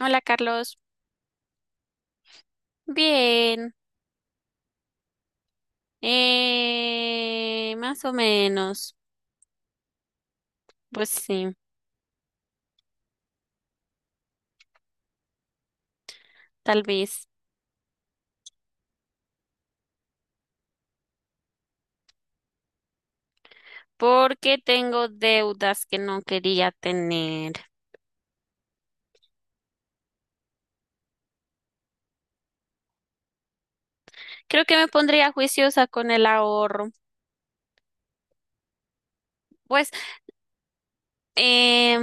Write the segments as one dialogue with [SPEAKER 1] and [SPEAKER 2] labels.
[SPEAKER 1] Hola Carlos, bien, más o menos, pues sí, tal vez, porque tengo deudas que no quería tener. Creo que me pondría juiciosa con el ahorro. Pues eh,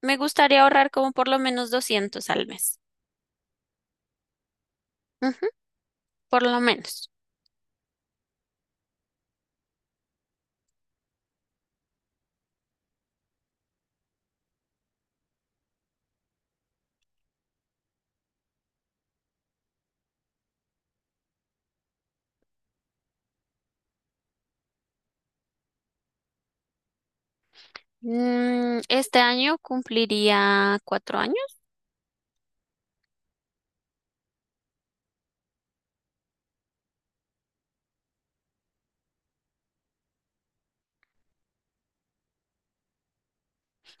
[SPEAKER 1] me gustaría ahorrar como por lo menos 200 al mes. Ujú, por lo menos. Este año cumpliría 4 años.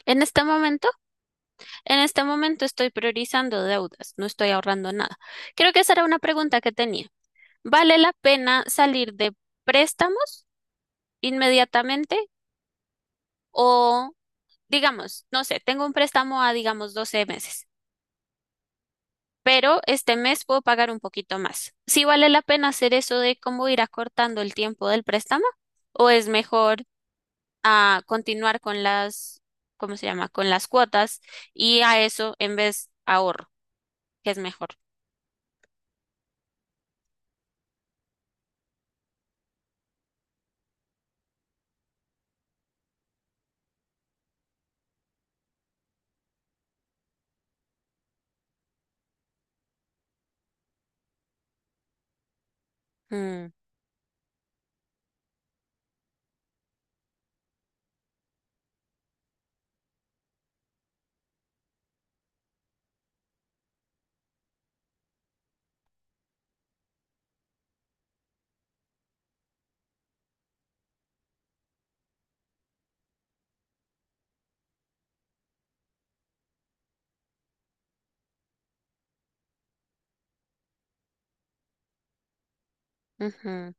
[SPEAKER 1] En este momento, en este momento estoy priorizando deudas, no estoy ahorrando nada. Creo que esa era una pregunta que tenía. ¿Vale la pena salir de préstamos inmediatamente? O, digamos, no sé, tengo un préstamo a, digamos, 12 meses, pero este mes puedo pagar un poquito más. ¿Sí vale la pena hacer eso de cómo ir acortando el tiempo del préstamo? ¿O es mejor continuar con las, ¿cómo se llama? Con las cuotas, y a eso en vez ahorro, que es mejor. Mm, ujú.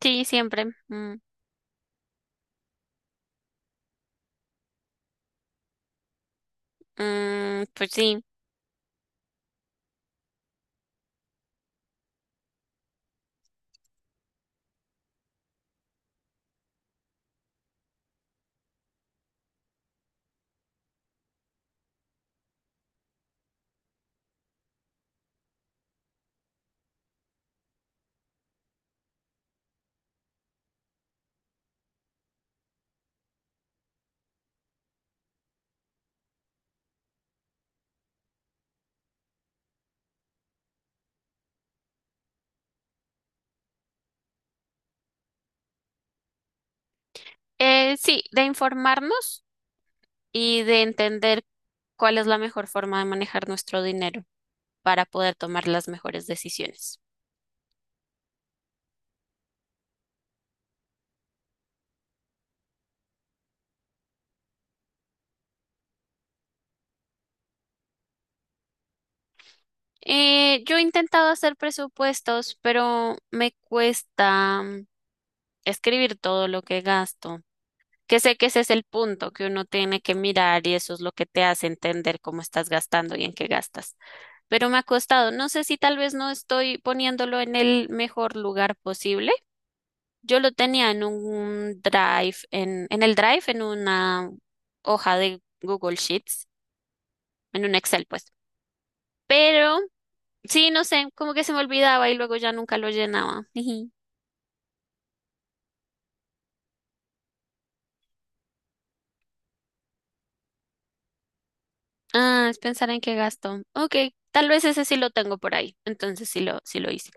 [SPEAKER 1] Sí, siempre. Mm, mm, pues sí. Sí, de informarnos, y de entender cuál es la mejor forma de manejar nuestro dinero para poder tomar las mejores decisiones. Yo he intentado hacer presupuestos, pero me cuesta, escribir todo lo que gasto, que sé que ese es el punto que uno tiene que mirar y eso es lo que te hace entender cómo estás gastando y en qué gastas. Pero me ha costado, no sé si tal vez no estoy poniéndolo en el mejor lugar posible. Yo lo tenía en un Drive, en el Drive, en una hoja de Google Sheets, en un Excel, pues. Pero sí, no sé, como que se me olvidaba y luego ya nunca lo llenaba. Jiji. Ah, es pensar en qué gasto. Ok, tal vez ese sí lo tengo por ahí. Entonces sí lo hice.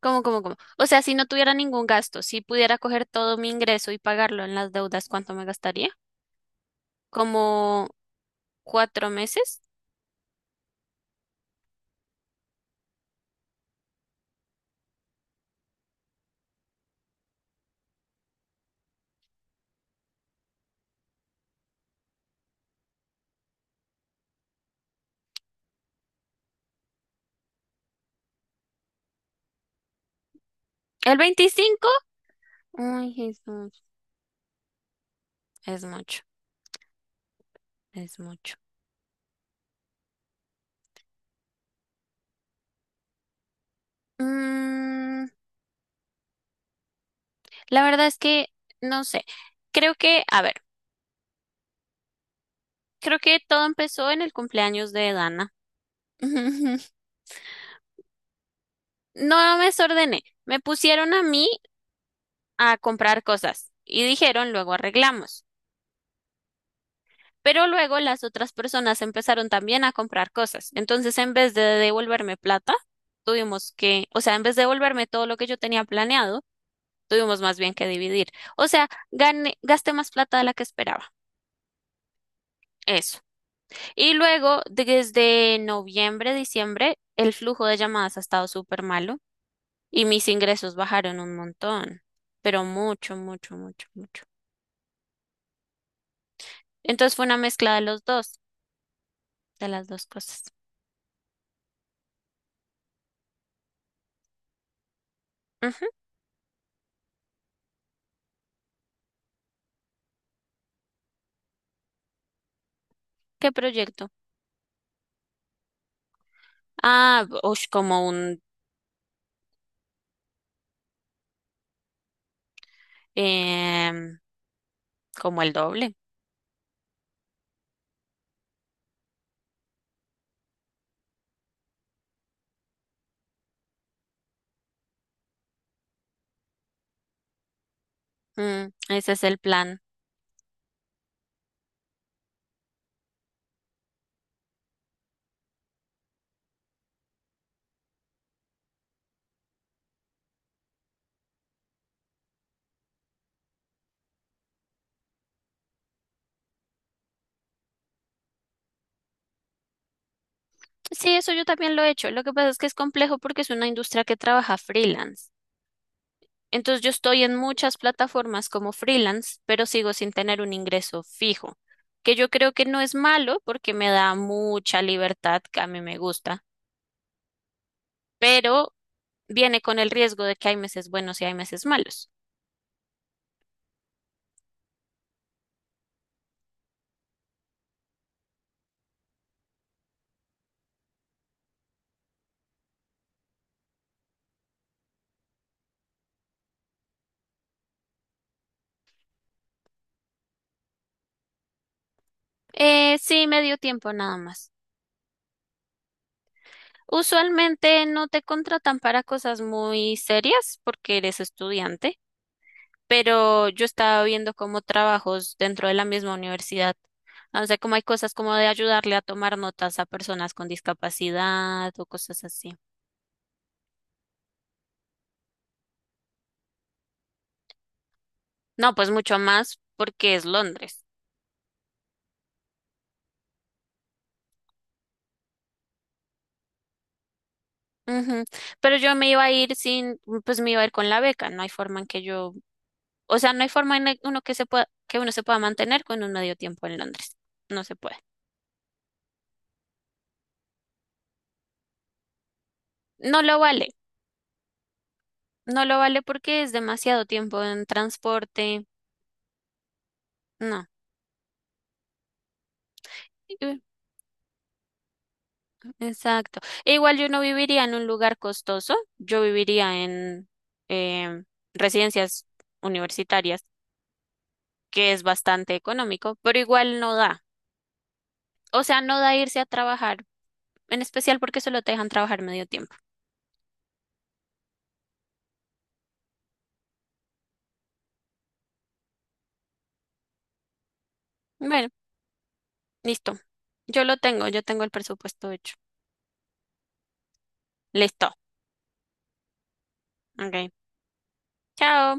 [SPEAKER 1] ¿Cómo, cómo, cómo? O sea, si no tuviera ningún gasto, si pudiera coger todo mi ingreso y pagarlo en las deudas, ¿cuánto me gastaría? ¿Como 4 meses? ¿El 25? Ay, Jesús, es mucho. Es mucho. Mm, la verdad es que no sé. Creo que, a ver, creo que todo empezó en el cumpleaños de Dana. No me desordené. Me pusieron a mí a comprar cosas y dijeron luego arreglamos. Pero luego las otras personas empezaron también a comprar cosas. Entonces, en vez de devolverme plata, tuvimos que, o sea, en vez de devolverme todo lo que yo tenía planeado, tuvimos más bien que dividir. O sea, gané, gasté más plata de la que esperaba. Eso. Y luego, desde noviembre, diciembre, el flujo de llamadas ha estado súper malo y mis ingresos bajaron un montón, pero mucho, mucho, mucho, mucho. Entonces fue una mezcla de los dos, de las dos cosas. Ujú. ¿Qué proyecto? Ah, ush, em, como el doble. Ese es el plan. Sí, eso yo también lo he hecho. Lo que pasa es que es complejo porque es una industria que trabaja freelance. Entonces yo estoy en muchas plataformas como freelance, pero sigo sin tener un ingreso fijo, que yo creo que no es malo porque me da mucha libertad, que a mí me gusta, pero viene con el riesgo de que hay meses buenos y hay meses malos. Sí, me dio tiempo nada más. Usualmente no te contratan para cosas muy serias porque eres estudiante, pero yo estaba viendo como trabajos dentro de la misma universidad. No sé, como hay cosas como de ayudarle a tomar notas a personas con discapacidad o cosas así. No, pues mucho más porque es Londres. Ujú. Pero yo me iba a ir sin, pues me iba a ir con la beca. No hay forma en que yo, o sea, no hay forma en el- uno que se pueda, que uno se pueda mantener con un medio tiempo en Londres. No se puede. No lo vale. No lo vale porque es demasiado tiempo en transporte. No. Eh, Exacto. E igual yo no viviría en un lugar costoso. Yo viviría en em, residencias universitarias, que es bastante económico, pero igual no da. O sea, no da irse a trabajar, en especial porque solo te dejan trabajar medio tiempo. Bueno, listo. Yo lo tengo, yo tengo el presupuesto hecho. Listo. Ok. Chao.